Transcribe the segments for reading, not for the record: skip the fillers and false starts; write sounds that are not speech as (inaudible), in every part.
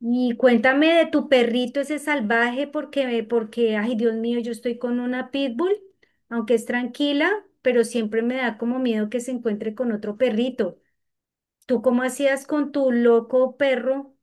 Y cuéntame de tu perrito ese salvaje, porque, ay, Dios mío, yo estoy con una pitbull, aunque es tranquila, pero siempre me da como miedo que se encuentre con otro perrito. ¿Tú cómo hacías con tu loco perro?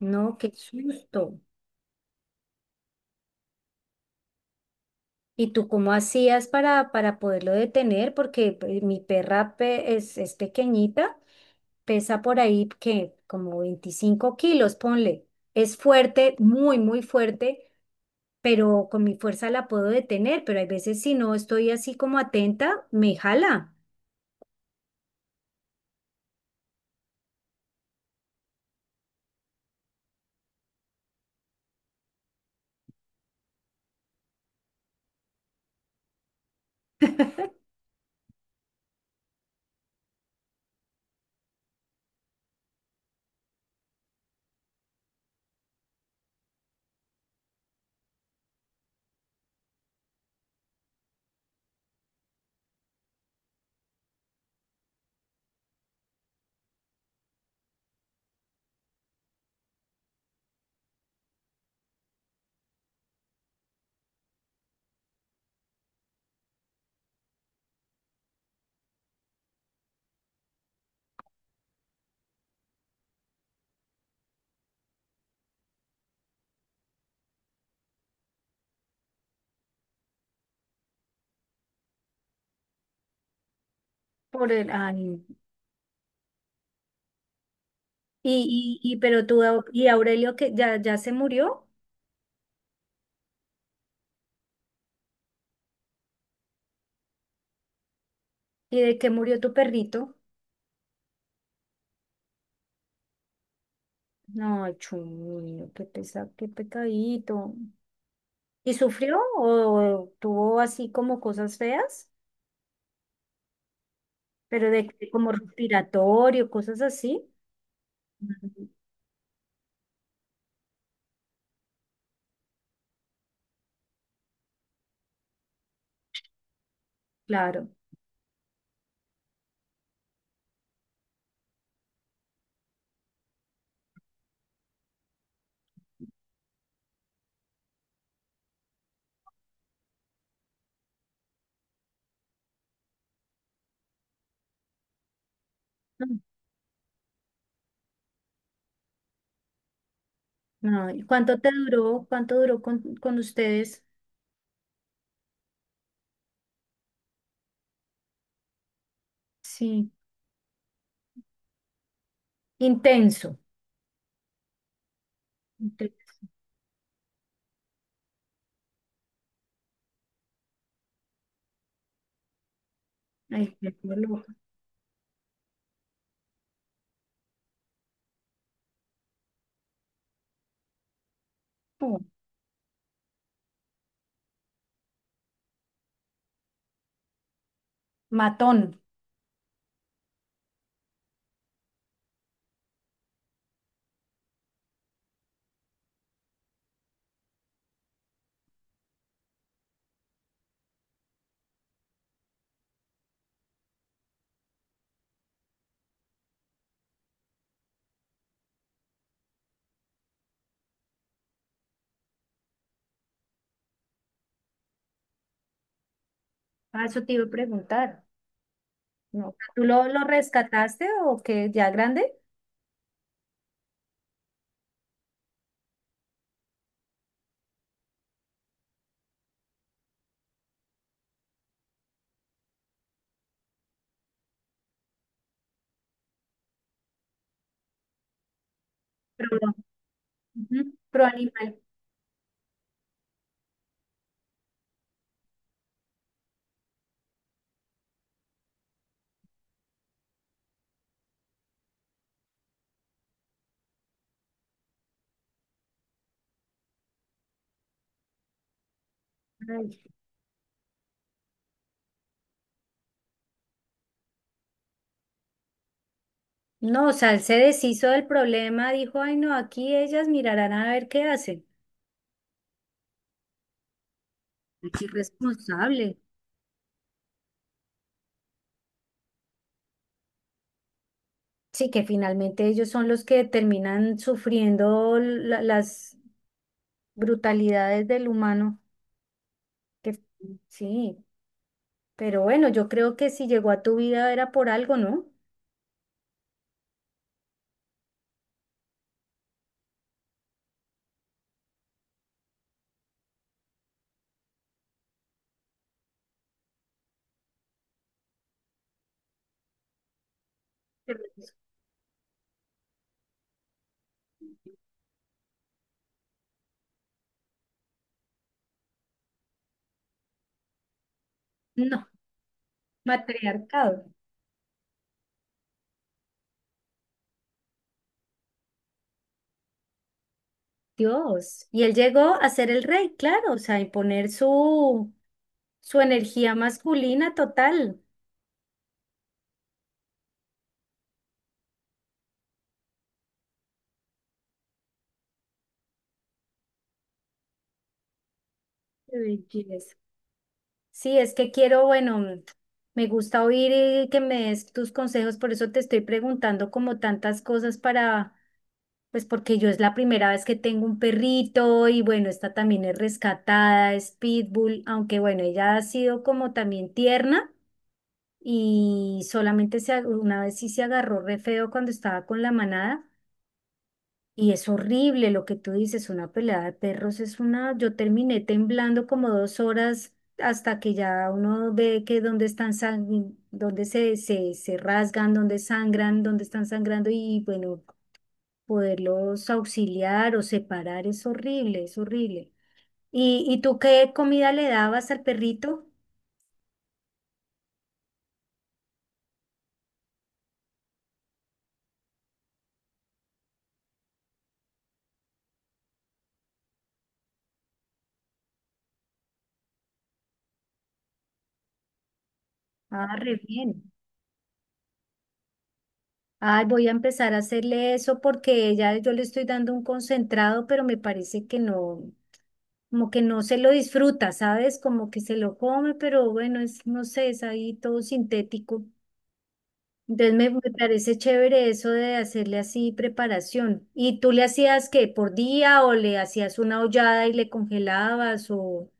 No, qué susto. ¿Y tú cómo hacías para poderlo detener? Porque pues, mi perra es pequeñita, pesa por ahí que como 25 kilos, ponle. Es fuerte, muy, muy fuerte, pero con mi fuerza la puedo detener, pero hay veces si no estoy así como atenta, me jala por el... Ay, y pero tú, Aurelio, que ya se murió, ¿y de qué murió tu perrito? No, chulo, qué pesa, qué pecadito. ¿Y sufrió o tuvo así como cosas feas? Pero como respiratorio, cosas así. Mm. Claro. Mm. No, ¿cuánto te duró? ¿Cuánto duró con ustedes? Sí, intenso. Entonces, ay, qué loco. Matón. Ah, eso te iba a preguntar. No. ¿Tú lo rescataste o qué? ¿Ya grande? Pro, ujú, pro animal. Ay. No, o sea, él se deshizo del problema, dijo, ay, no, aquí ellas mirarán a ver qué hacen. Qué irresponsable. Sí, que finalmente ellos son los que terminan sufriendo las brutalidades del humano. Que, sí, pero bueno, yo creo que si llegó a tu vida era por algo, ¿no? No, matriarcado. Dios. Y él llegó a ser el rey, claro, o sea, a imponer su energía masculina total. Qué belleza. Sí, es que quiero, bueno, me gusta oír que me des tus consejos, por eso te estoy preguntando como tantas cosas para, pues porque yo es la primera vez que tengo un perrito y bueno, esta también es rescatada, es pitbull, aunque bueno, ella ha sido como también tierna, y solamente una vez sí se agarró re feo cuando estaba con la manada. Y es horrible lo que tú dices, una pelea de perros es una, yo terminé temblando como 2 horas hasta que ya uno ve que dónde están dónde se rasgan, dónde sangran, dónde están sangrando y bueno, poderlos auxiliar o separar es horrible, es horrible. ¿Y tú qué comida le dabas al perrito? Ah, re bien. Ay, voy a empezar a hacerle eso porque ya yo le estoy dando un concentrado, pero me parece que no, como que no se lo disfruta, ¿sabes? Como que se lo come, pero bueno, es, no sé, es ahí todo sintético. Entonces me parece chévere eso de hacerle así preparación. ¿Y tú le hacías qué, por día o le hacías una hollada y le congelabas o...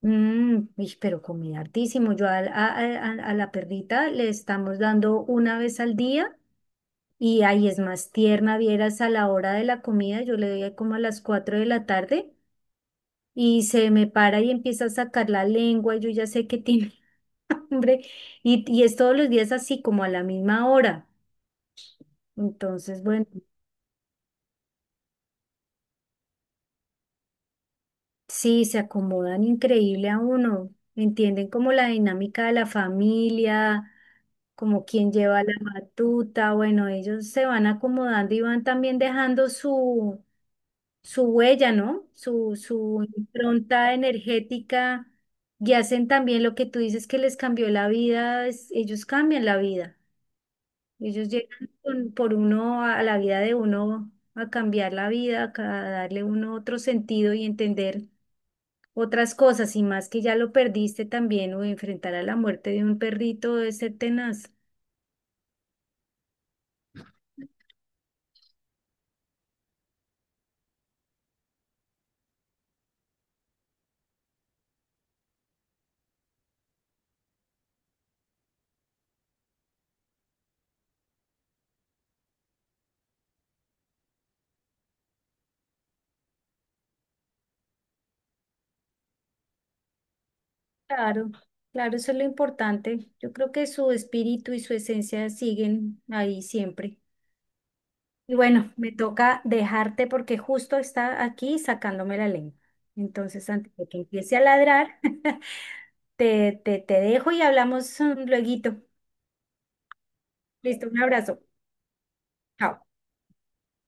Mm, uy, pero comía hartísimo. Yo a la perrita le estamos dando una vez al día. Y ahí es más tierna, vieras a la hora de la comida, yo le doy ahí como a las 4 de la tarde y se me para y empieza a sacar la lengua, yo ya sé que tiene (laughs) hambre y es todos los días así como a la misma hora. Entonces, bueno, sí, se acomodan increíble a uno, entienden como la dinámica de la familia, como quién lleva la batuta, bueno, ellos se van acomodando y van también dejando su huella, ¿no? Su impronta energética, y hacen también lo que tú dices que les cambió la vida, ellos cambian la vida, ellos llegan por uno a la vida de uno a cambiar la vida, a darle uno otro sentido y entender otras cosas y más que ya lo perdiste también o enfrentar a la muerte de un perrito debe ser tenaz. Claro, claro, eso es lo importante. Yo creo que su espíritu y su esencia siguen ahí siempre. Y bueno, me toca dejarte porque justo está aquí sacándome la lengua. Entonces, antes de que empiece a ladrar, (laughs) te dejo y hablamos lueguito. Listo, un abrazo. Chao.